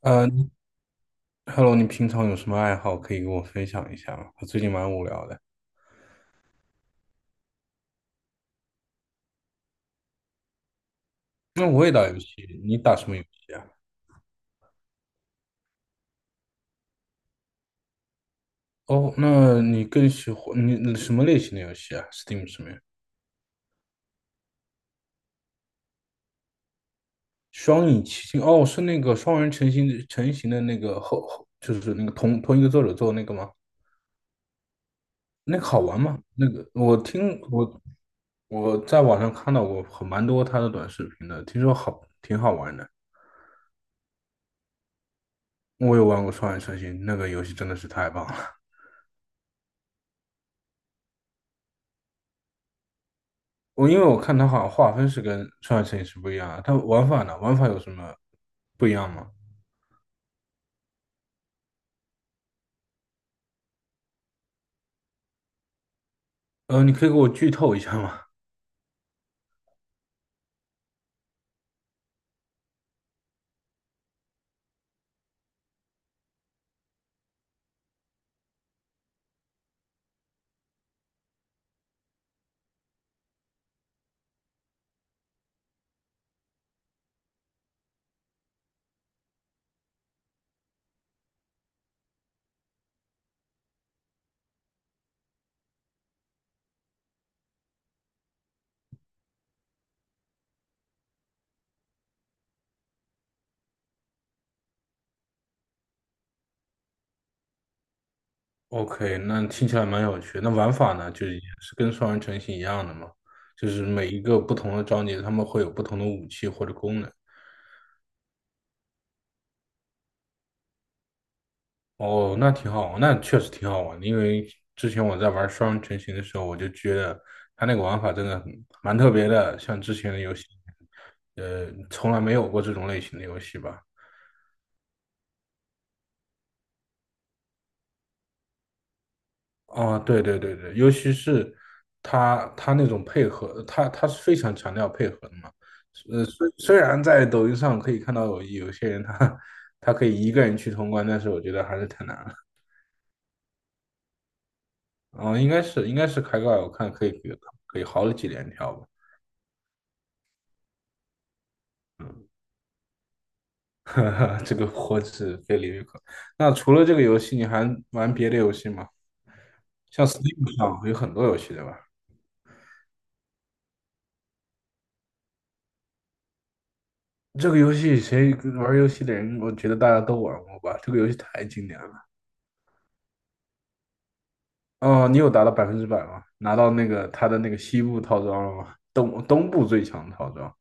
呃，Hello，你平常有什么爱好可以跟我分享一下吗？我最近蛮无聊的。那我也打游戏，你打什么游戏啊？哦，那你更喜欢你什么类型的游戏啊？Steam 上面双影奇境哦，是那个双人成型的那个后，就是那个同一个作者做的那个吗？那个好玩吗？那个我听我我在网上看到过蛮多他的短视频的，听说挺好玩的。我有玩过双人成行，那个游戏真的是太棒了。因为我看它好像划分是跟双人成影是不一样啊，它玩法呢？玩法有什么不一样吗？你可以给我剧透一下吗？OK，那听起来蛮有趣。那玩法呢，就是也是跟双人成行一样的嘛，就是每一个不同的章节，他们会有不同的武器或者功能。哦，那挺好，那确实挺好玩的。因为之前我在玩双人成行的时候，我就觉得它那个玩法真的蛮特别的，像之前的游戏，从来没有过这种类型的游戏吧。啊，对对对对，尤其是他那种配合，他是非常强调配合的嘛。虽然在抖音上可以看到有些人他可以一个人去通关，但是我觉得还是太难了。嗯，应该是开挂，我看可以好几连跳吧。这个我是非李玉可。那除了这个游戏，你还玩别的游戏吗？像 Steam 上有很多游戏，对吧？这个游戏谁玩游戏的人，我觉得大家都玩过吧。这个游戏太经典了。哦，你有达到百分之百吗？拿到那个他的那个西部套装了吗？东部最强套装。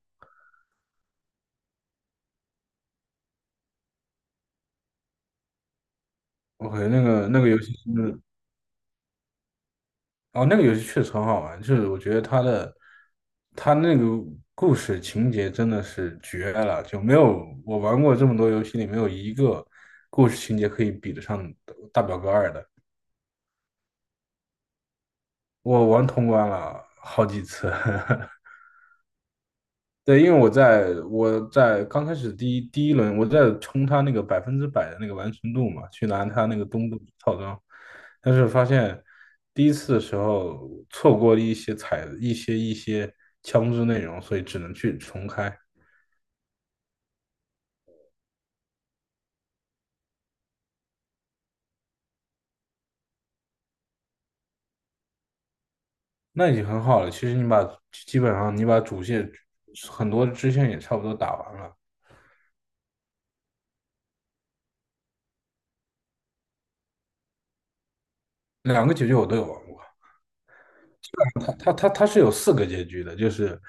OK，那个游戏是，哦，那个游戏确实很好玩，就是我觉得他那个故事情节真的是绝了，就没有我玩过这么多游戏里没有一个故事情节可以比得上《大表哥二》的。我玩通关了好几次，对，因为我在刚开始第一轮，我在冲他那个百分之百的那个完成度嘛，去拿他那个东部套装，但是发现第一次的时候错过了一些枪支内容，所以只能去重开。那已经很好了。其实基本上你把主线很多支线也差不多打完了，两个结局我都有玩过。它是有四个结局的，就是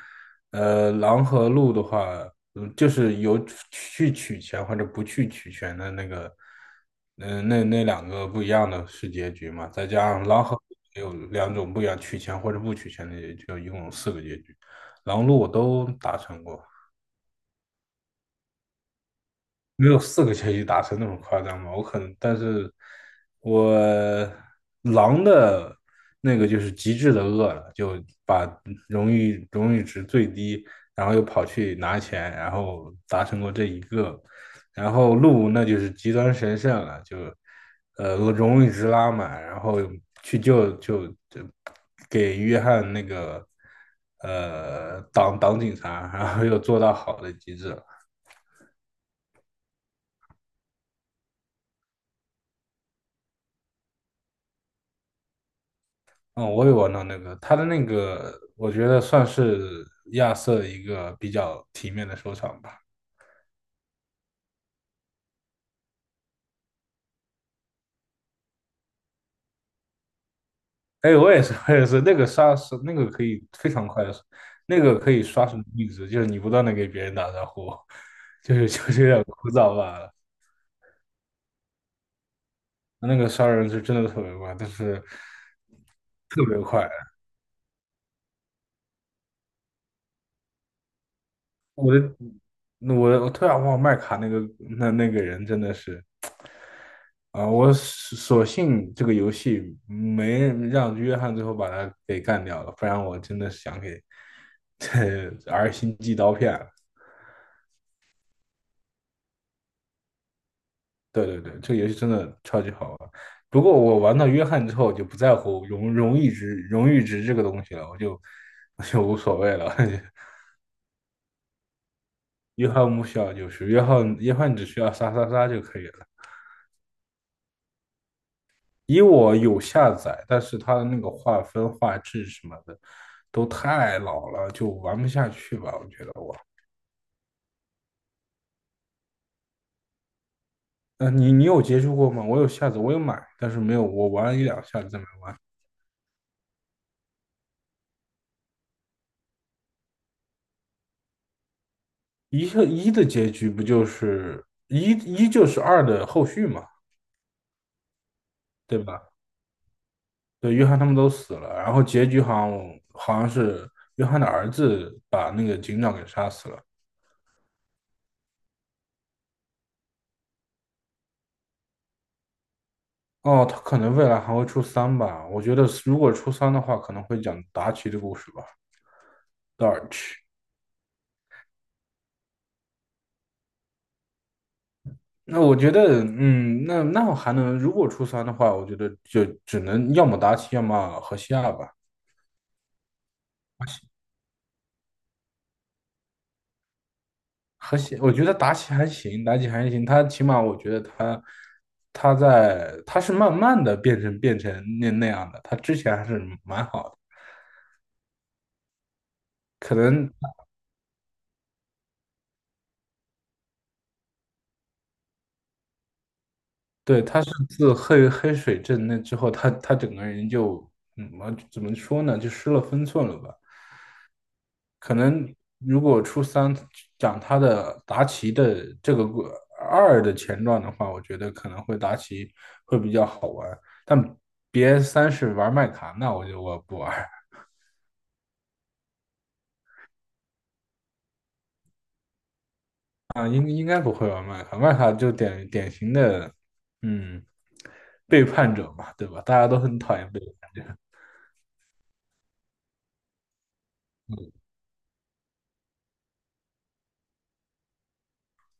狼和鹿的话，就是有去取钱或者不去取钱的那个，那两个不一样的是结局嘛，再加上狼和鹿也有两种不一样，取钱或者不取钱的结局，就一共有四个结局，狼鹿我都达成过。没有四个全息达成那么夸张吧？我可能，但是我狼的那个就是极致的饿了，就把荣誉值最低，然后又跑去拿钱，然后达成过这一个。然后鹿那就是极端神圣了，就荣誉值拉满，然后去救给约翰那个挡警察，然后又做到好的极致了。嗯，我也玩到那个，他的那个，我觉得算是亚瑟的一个比较体面的收场吧。哎，我也是，我也是，那个杀是那个可以非常快的，那个可以刷什么币值，就是你不断的给别人打招呼，就是有点枯燥罢了。那个杀人是真的特别快，但是特别快。那我突然忘了麦卡那个那个人真的是，啊、我索性这个游戏没让约翰最后把他给干掉了，不然我真的想给这 R 星寄刀片了对对对，这个游戏真的超级好玩。不过我玩到约翰之后，我就不在乎荣誉值这个东西了，我就无所谓了。约翰不需要就是约翰，约翰只需要杀杀杀就可以了。以我有下载，但是它的那个画质什么的都太老了，就玩不下去吧？我觉得我，你有接触过吗？我有下载，我有买，但是没有，我玩了一两下子再没玩。一的结局不就是一就是二的后续嘛，对吧？对，约翰他们都死了，然后结局好像是约翰的儿子把那个警长给杀死了。哦，他可能未来还会出三吧？我觉得如果出三的话，可能会讲达奇的故事吧。Dodge。那我觉得，那我还能，如果初三的话，我觉得就只能要么达奇，要么河西亚吧。和西，我觉得达己还行，妲己还行，她起码我觉得她，她在，她是慢慢的变成那样的，她之前还是蛮好的，可能对，他是自黑水镇那之后，他整个人就，我怎么说呢，就失了分寸了吧。可能如果初三讲达奇的这个过二的前传的话，我觉得可能会达奇会比较好玩，但别三是玩麦卡，那我不玩啊，应该不会玩麦卡，麦卡就典型的嗯背叛者嘛，对吧？大家都很讨厌背叛者。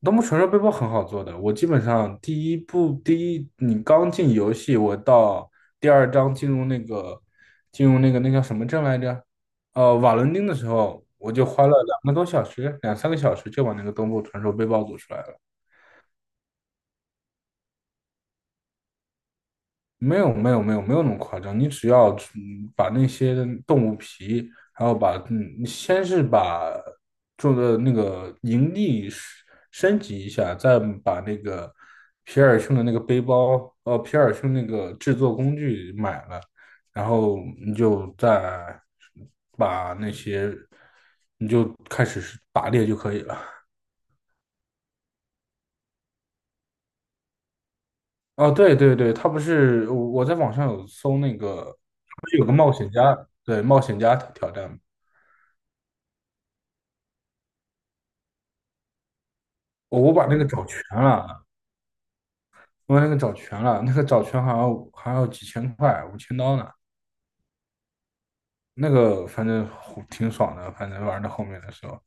东部传说背包很好做的，我基本上第一你刚进游戏，我到第二章进入那个那叫什么镇来着？瓦伦丁的时候，我就花了2个多小时，2、3个小时就把那个东部传说背包做出来了。没有没有没有没有那么夸张，你只要把那些动物皮，然后你先是把做的那个营地是升级一下，再把那个皮尔逊的那个背包，皮尔逊那个制作工具买了，然后你就再把那些，你就开始是打猎就可以了。哦，对对对，他不是我在网上有搜那个，不是有个冒险家，对，冒险家挑战，我我把那个找全了，我把那个找全了，那个找全好像还要几千块，5000刀呢，那个反正吼挺爽的，反正玩到后面的时候，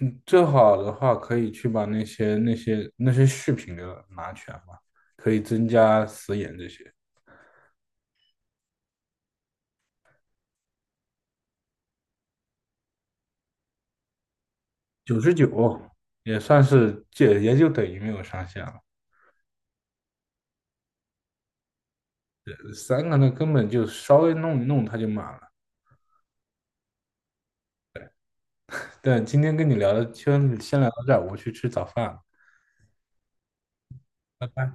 嗯，最好的话可以去把那些饰品给拿全嘛，可以增加死眼这些，99也算是这也就等于没有上限了。三个那根本就稍微弄一弄它就满了。但今天跟你聊的，先聊到这儿，我去吃早饭了，拜拜。